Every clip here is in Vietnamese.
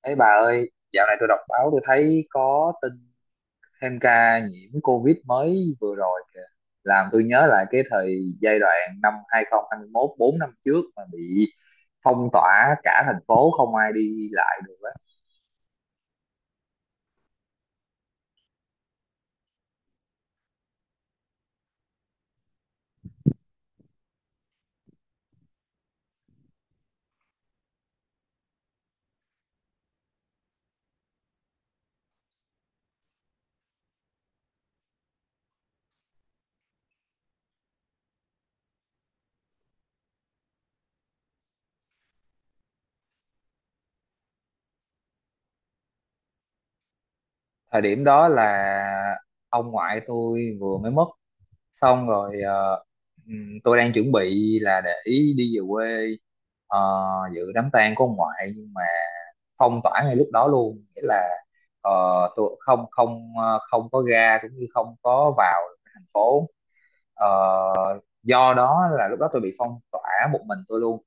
Ấy bà ơi, dạo này tôi đọc báo tôi thấy có tin thêm ca nhiễm COVID mới vừa rồi kìa. Làm tôi nhớ lại cái thời giai đoạn năm 2021, 4 năm trước mà bị phong tỏa cả thành phố không ai đi lại được á. Thời điểm đó là ông ngoại tôi vừa mới mất, xong rồi tôi đang chuẩn bị là để ý đi về quê, ờ, dự đám tang của ông ngoại. Nhưng mà phong tỏa ngay lúc đó luôn, nghĩa là ờ, tôi không không ờ, không có ra cũng như không có vào thành phố. Ờ, do đó là lúc đó tôi bị phong tỏa một mình tôi luôn,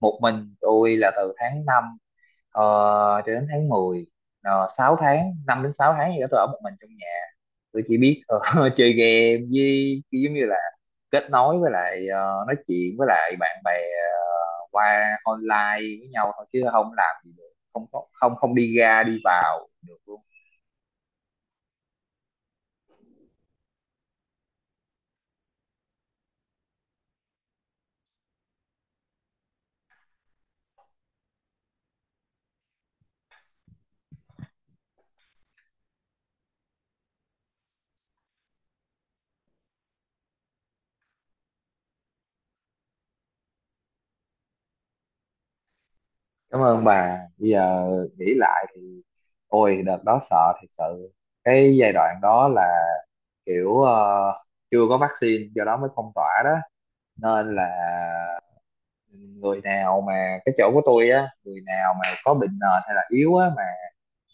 một mình tôi là từ tháng 5 ờ, cho đến tháng mười. 6 tháng, 5 đến 6 tháng gì đó, tôi ở một mình trong nhà. Tôi chỉ biết chơi game với cái, giống như là kết nối với lại, nói chuyện với lại bạn bè qua online với nhau thôi, chứ không làm gì được, không có, không không đi ra đi vào được luôn. Cảm ơn bà. Bây giờ nghĩ lại thì ôi đợt đó sợ thật sự. Cái giai đoạn đó là kiểu chưa có vaccine, do đó mới phong tỏa đó. Nên là người nào mà cái chỗ của tôi á, người nào mà có bệnh nền hay là yếu á mà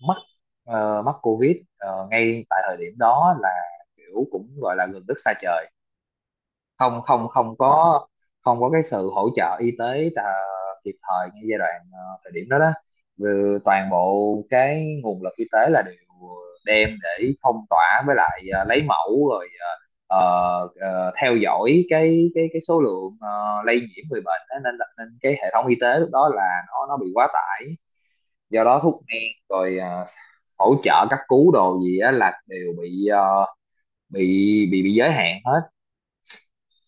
mắc, mắc covid ngay tại thời điểm đó là kiểu cũng gọi là gần đất xa trời, không không không có, không có cái sự hỗ trợ y tế à, kịp thời ngay giai đoạn thời điểm đó đó. Vừa toàn bộ cái nguồn lực y tế là đều đem để phong tỏa với lại, lấy mẫu rồi theo dõi cái số lượng lây nhiễm người bệnh á, nên là- nên cái hệ thống y tế lúc đó là nó bị quá tải. Do đó thuốc men rồi à, hỗ trợ cấp cứu đồ gì á là đều bị bị, bị giới hạn hết.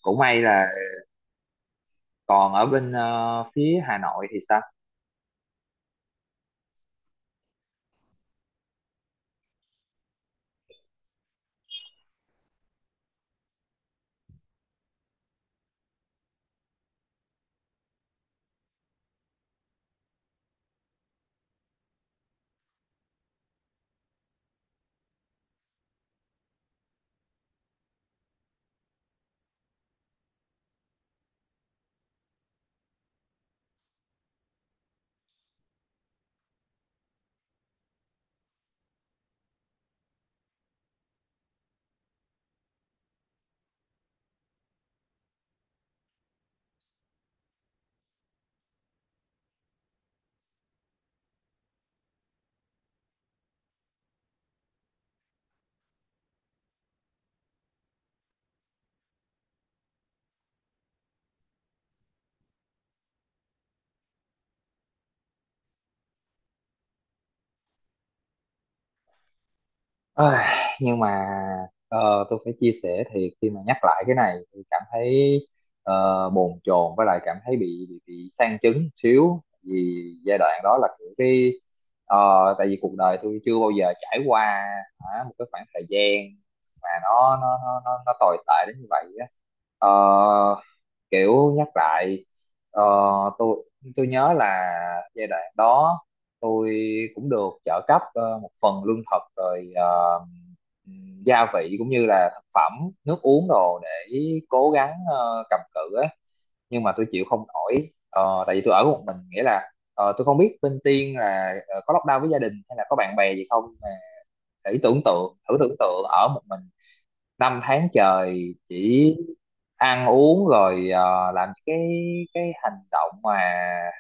Cũng may là còn ở bên phía Hà Nội thì sao. Ôi, nhưng mà tôi phải chia sẻ thiệt, khi mà nhắc lại cái này tôi cảm thấy bồn chồn với lại cảm thấy bị, bị sang chấn xíu. Vì giai đoạn đó là kiểu cái ờ, tại vì cuộc đời tôi chưa bao giờ trải qua hả, một cái khoảng thời gian mà nó tồi tệ đến như vậy á. Ờ, kiểu nhắc lại ờ, tôi tôi nhớ là giai đoạn đó tôi cũng được trợ cấp một phần lương thực rồi gia vị cũng như là thực phẩm, nước uống đồ, để cố gắng cầm cự á, nhưng mà tôi chịu không nổi. Ờ, tại vì tôi ở một mình, nghĩa là tôi không biết bên Tiên là có lockdown với gia đình hay là có bạn bè gì không, mà thử tưởng tượng, thử tưởng tượng ở một mình năm tháng trời chỉ ăn uống rồi làm những cái hành động mà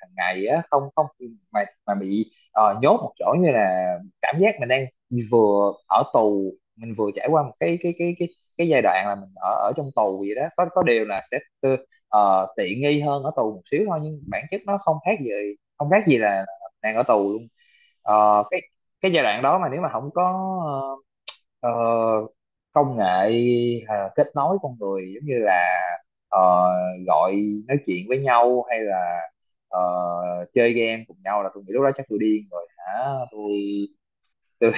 hàng ngày á, không không mà mà bị nhốt một chỗ, như là cảm giác mình đang vừa ở tù, mình vừa trải qua một cái cái giai đoạn là mình ở ở trong tù vậy đó. Có điều là sẽ tư- tiện nghi hơn ở tù một xíu thôi, nhưng bản chất nó không khác gì, không khác gì là đang ở tù luôn. Ờ, cái giai đoạn đó mà nếu mà không có ờ, Ờ, công nghệ kết nối con người, giống như là ờ, gọi, nói chuyện với nhau hay là ờ, chơi game cùng nhau, là tôi nghĩ lúc đó chắc tôi điên rồi hả. Tôi tôi.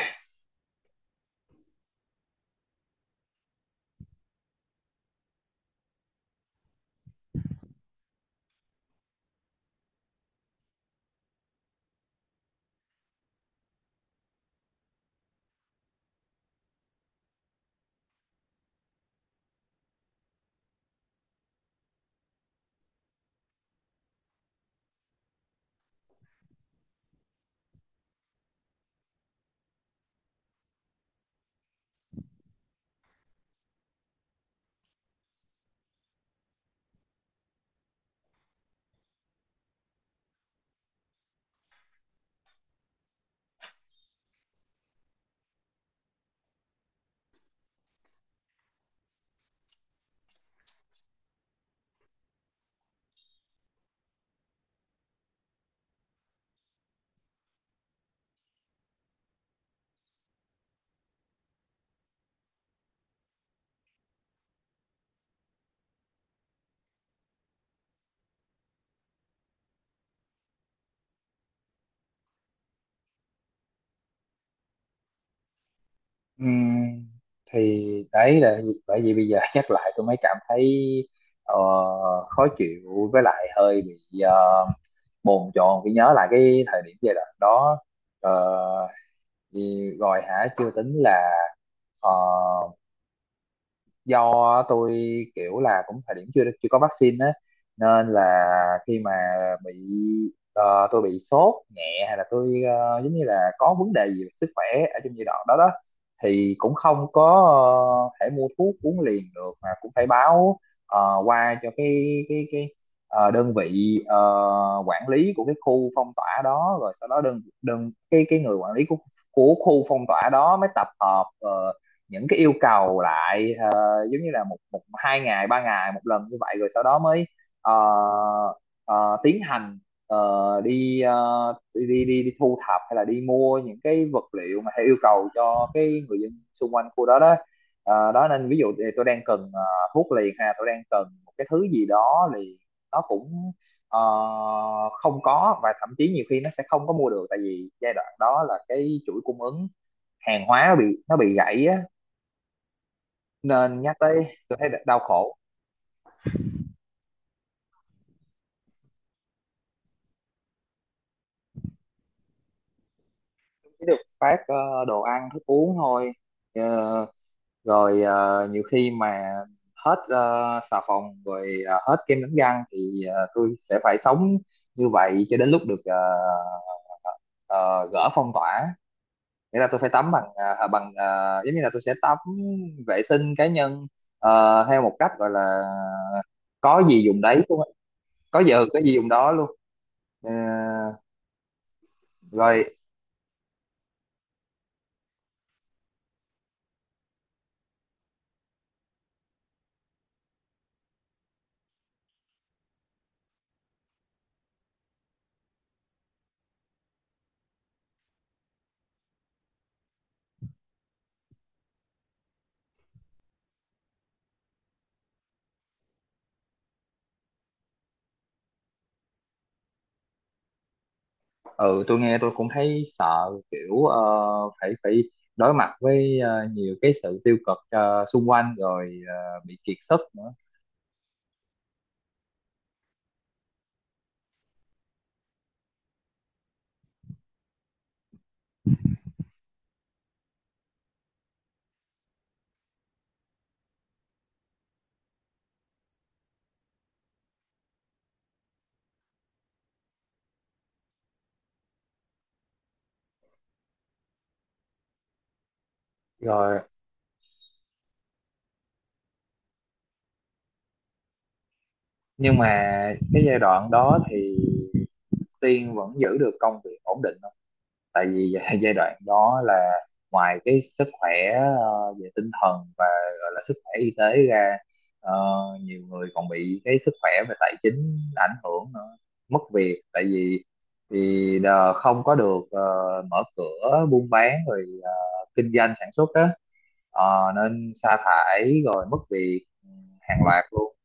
Ừm, thì đấy là bởi vì bây giờ chắc lại tôi mới cảm thấy ờ, khó chịu với lại hơi bị bồn chồn khi nhớ lại cái thời điểm giai đoạn đó. Ờ, thì rồi hả, chưa tính là ờ, do tôi kiểu là cũng thời điểm chưa chưa có vaccine á, nên là khi mà bị tôi bị sốt nhẹ, hay là tôi giống như là có vấn đề gì về sức khỏe ở trong giai đoạn đó đó, thì cũng không có thể mua thuốc uống liền được, mà cũng phải báo qua cho cái đơn vị quản lý của cái khu phong tỏa đó, rồi sau đó đơn đơn cái người quản lý của khu phong tỏa đó mới tập hợp những cái yêu cầu lại, giống như là một một hai ngày, ba ngày một lần như vậy, rồi sau đó mới ờ, ờ, tiến hành, ờ, đi, đi, đi thu thập hay là đi mua những cái vật liệu mà theo yêu cầu cho cái người dân xung quanh khu đó đó. Ờ, đó, nên ví dụ thì tôi đang cần thuốc liền ha, tôi đang cần một cái thứ gì đó, thì nó cũng ờ, không có, và thậm chí nhiều khi nó sẽ không có mua được, tại vì giai đoạn đó là cái chuỗi cung ứng hàng hóa nó bị gãy á, nên nhắc tới tôi thấy đau khổ. Chỉ được phát đồ ăn thức uống thôi. Ờ, rồi ờ, nhiều khi mà hết xà phòng, rồi ờ, hết kem đánh răng thì tôi sẽ phải sống như vậy cho đến lúc được ờ, gỡ phong tỏa. Nghĩa là tôi phải tắm bằng ờ, à, bằng ờ, giống như là tôi sẽ tắm vệ sinh cá nhân theo một cách gọi là có gì dùng đấy luôn á. Có giờ có gì dùng đó luôn. Ờ, rồi. Ừ, tôi nghe tôi cũng thấy sợ, kiểu phải, phải đối mặt với nhiều cái sự tiêu cực xung quanh, rồi bị kiệt sức nữa. Rồi, nhưng mà cái giai đoạn đó thì Tiên vẫn giữ được công việc ổn định, tại vì gi- giai đoạn đó là ngoài cái sức khỏe về tinh thần và gọi là sức khỏe y tế ra, ờ, nhiều người còn bị cái sức khỏe về tài chính ảnh hưởng nữa, mất việc, tại vì vì đờ- không có được mở cửa buôn bán rồi kinh doanh sản xuất đó. Ờ, nên sa thải rồi mất việc, ừ, hàng loạt luôn.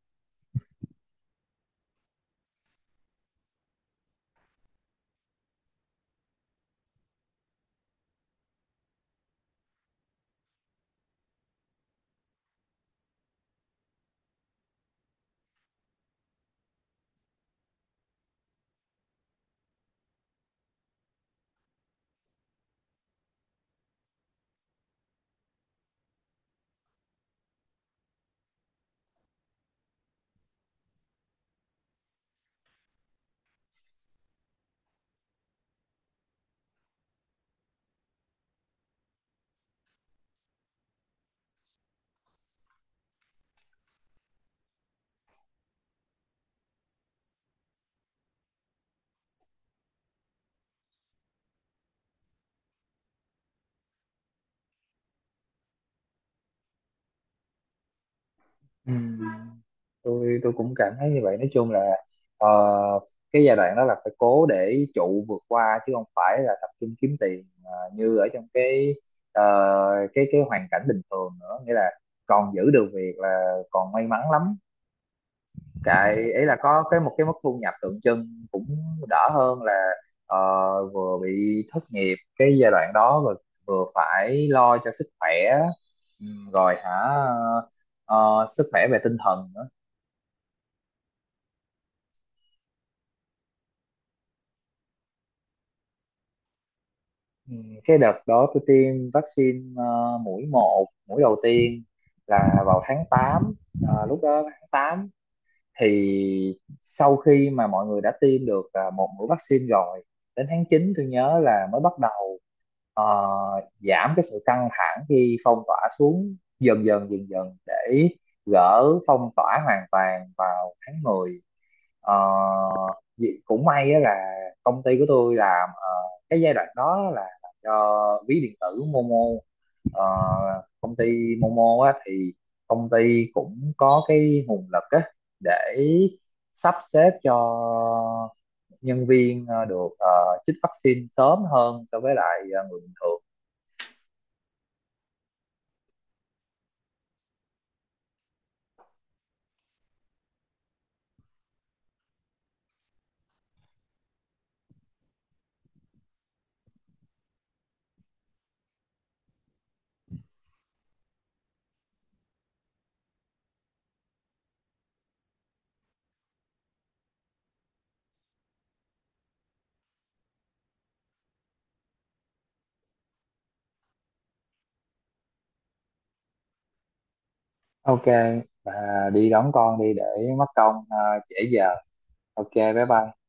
Ừ, tôi cũng cảm thấy như vậy. Nói chung là ờ, cái giai đoạn đó là phải cố để trụ vượt qua, chứ không phải là tập trung kiếm tiền như ở trong cái ờ, cái hoàn cảnh bình thường nữa. Nghĩa là còn giữ được việc là còn may mắn lắm. Cái ấy là có một cái mức thu nhập tượng trưng cũng đỡ hơn là ờ, vừa bị thất nghiệp cái giai đoạn đó, vừa phải lo cho sức khỏe. Ừ, rồi hả, ờ, sức khỏe về tinh thần nữa. Ừ, cái đợt đó tôi tiêm vaccine mũi một, mũi đầu tiên là vào tháng tám. Ờ, lúc đó tháng 8 thì sau khi mà mọi người đã tiêm được một mũi vaccine rồi, đến tháng 9 tôi nhớ là mới bắt ờ, giảm cái sự căng thẳng khi phong tỏa xuống, dần dần để gỡ phong tỏa hoàn toàn vào tháng 10. Ờ, vì- cũng may á là công ty của tôi làm, cái giai đoạn đó là làm cho ví điện tử Momo. Ờ, công ty Momo á, thì công ty cũng có cái nguồn lực á, để sắp xếp cho nhân viên được chích vaccine sớm hơn so với lại người bình thường. Ok, và đi đón con đi, để mất công trễ giờ. Ok, bye bye.